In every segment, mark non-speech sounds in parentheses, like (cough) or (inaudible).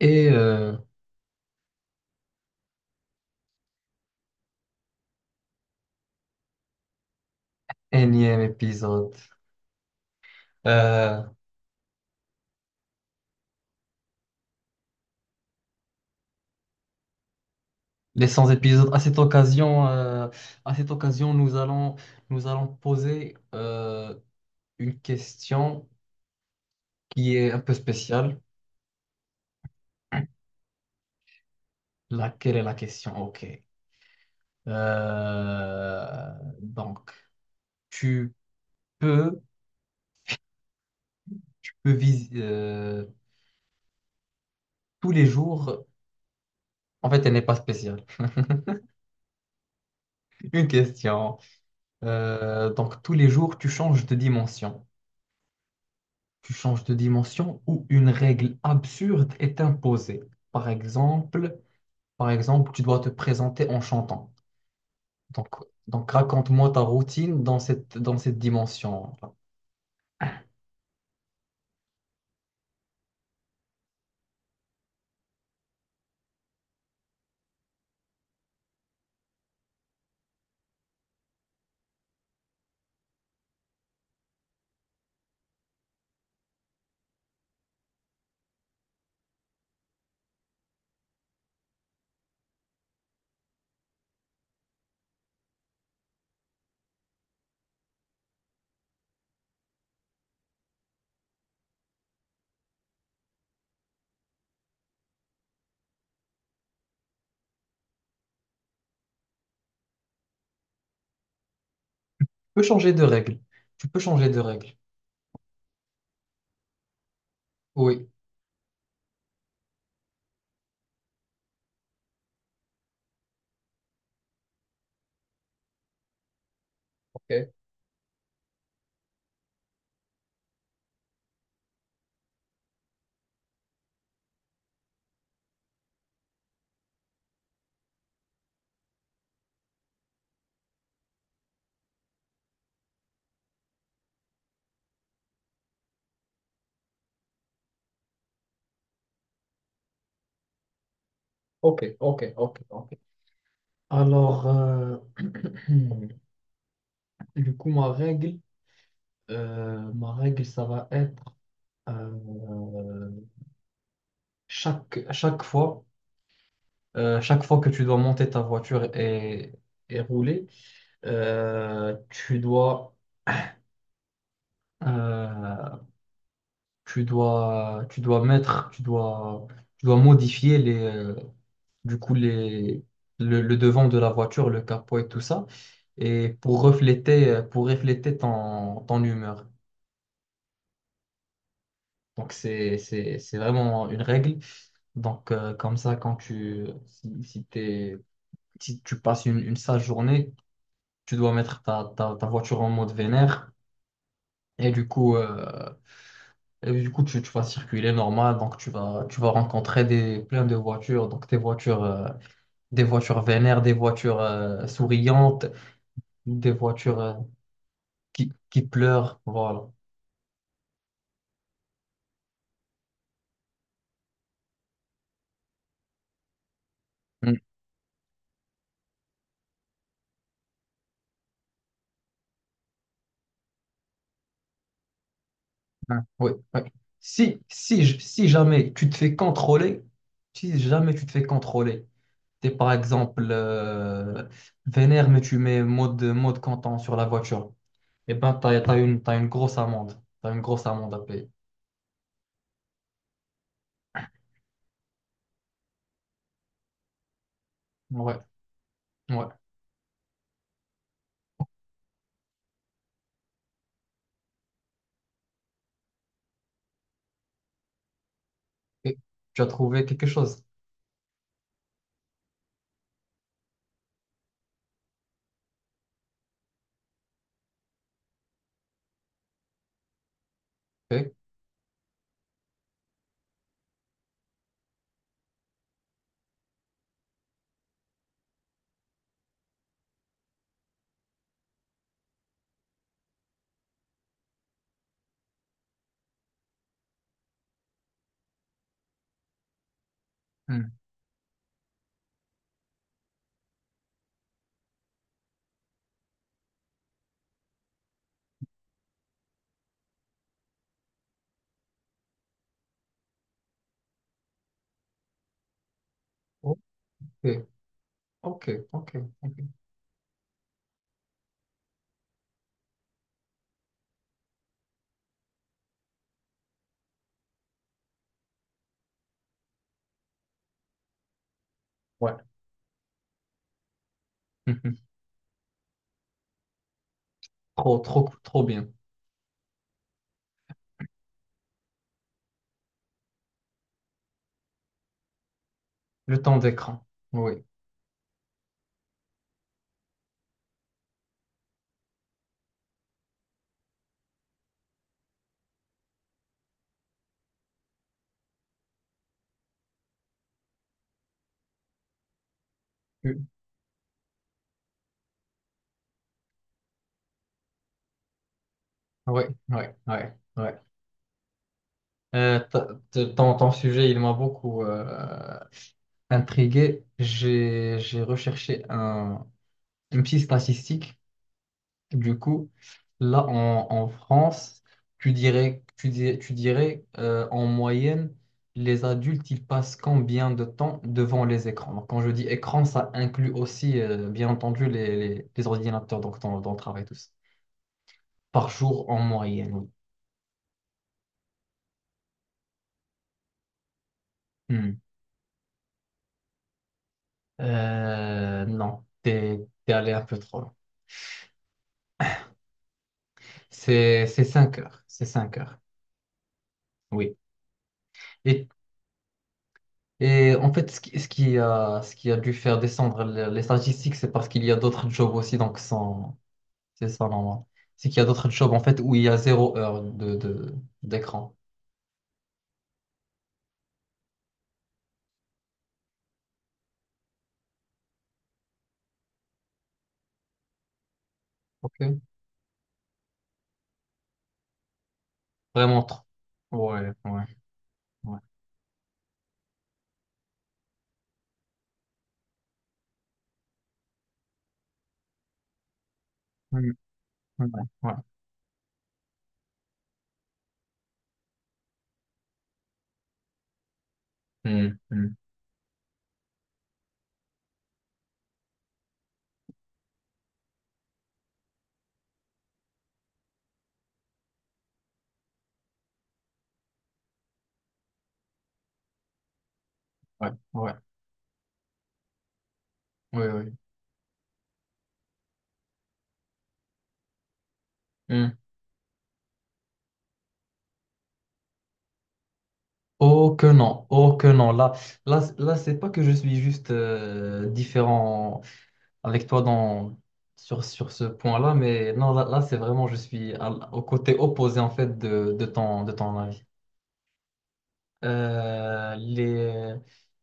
Et euh, énième épisode. Euh, les 100 épisodes. À cette occasion, à cette occasion, nous allons, nous allons poser une question qui est un peu spéciale. Laquelle est la question? Ok. Euh, donc, tu peux, tu peux tous les jours. En fait, elle n'est pas spéciale. Une question. Tous les jours, tu changes de dimension. Tu changes de dimension ou une règle absurde est imposée. Par exemple, par exemple, tu dois te présenter en chantant. Donc, donc raconte-moi ta routine dans cette dimension. Tu peux changer de règle. Tu peux changer de règle. Oui. Ok, ok. Alors, (clears throat) du coup, ma règle, ça va être euh, chaque, chaque fois. Chaque fois que tu dois monter ta voiture et rouler, tu dois, euh, tu dois, tu dois mettre, tu dois modifier les, du coup les, le devant de la voiture, le capot et tout ça, et pour refléter ton humeur. Donc c'est vraiment une règle. Donc comme ça, quand tu, si, si tu passes une sale journée, tu dois mettre ta voiture en mode vénère et du coup, tu vas circuler normal, donc tu vas rencontrer plein de voitures, donc des voitures vénères, des voitures souriantes, des voitures qui pleurent, voilà. Mm. Ouais, Oui, oui. Si jamais tu te fais contrôler, si jamais tu te fais contrôler, t'es par exemple vénère, mais tu mets mode content sur la voiture. Eh ben, t'as une grosse amende. T'as une grosse amende à payer. Ouais, ouais. Et tu as trouvé quelque chose. Ok, Hmm. ok, ok. Ok. Ouais. (laughs) Mhm. Trop bien. Le temps d'écran. Oui. Oui, oui, oui. Oui. Ton sujet, il m'a beaucoup intrigué. J'ai recherché une petite statistique. Du coup, là en France, tu dirais en moyenne, les adultes, ils passent combien de temps devant les écrans? Donc, quand je dis écran, ça inclut aussi, bien entendu, les ordinateurs donc dans le travail, tous. Par jour en moyenne, oui. Hmm. Non, t'es allé un peu trop loin. C'est 5 heures. C'est 5 heures. Oui. Et Et en fait, ce qui a dû faire descendre les statistiques, c'est parce qu'il y a d'autres jobs aussi, c'est ça normal. C'est qu'il y a d'autres jobs en fait où il y a 0 heure d'écran. Ok. Vraiment trop. Ouais, ouais, ouais. Hmm, hmm, ouais. Hmm, hmm, ouais, ouais, ouais. Hmm. Oh que non, oh que non. Là, c'est pas que je suis juste différent avec toi sur ce point-là, mais non, là, c'est vraiment, je suis au côté opposé en fait de de ton avis. Euh, les,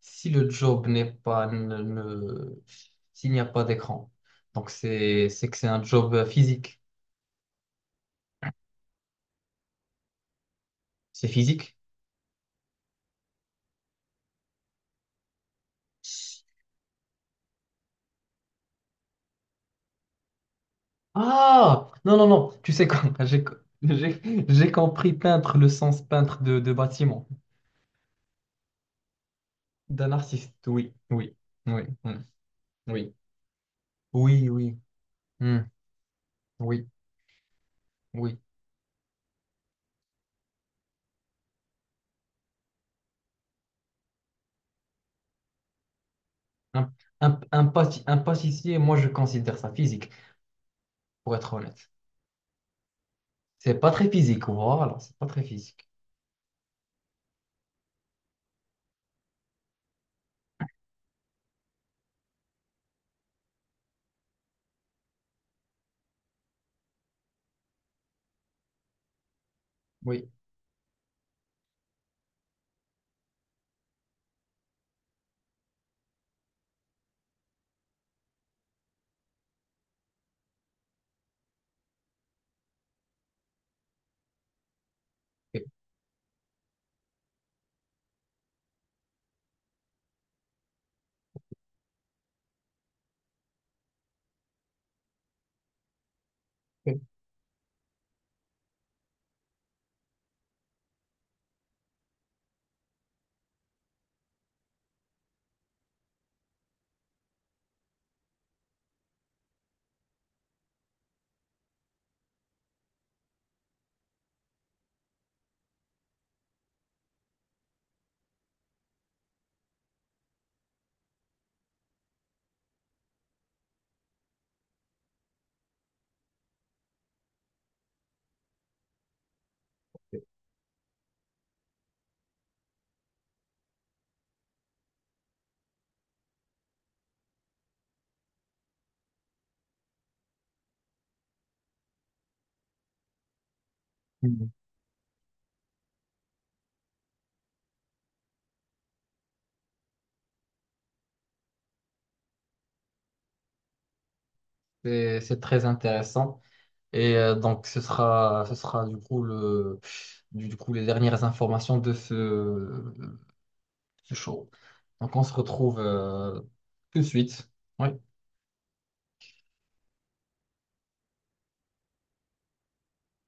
si le job n'est pas, s'il n'y a pas d'écran, donc c'est que c'est un job physique. C'est physique? Ah! Non, tu sais quoi, (laughs) j'ai, j'ai compris peintre, le sens peintre de bâtiment, d'un artiste, oui, mm, oui, oui, mm, oui, oui. Un, un pâtissier, moi, je considère ça physique, pour être honnête. C'est pas très physique, voilà, c'est pas très physique. Oui, Mhm. C'est très intéressant. Et donc, ce sera du coup, les dernières informations de ce show. Donc, on se retrouve tout de suite. Oui.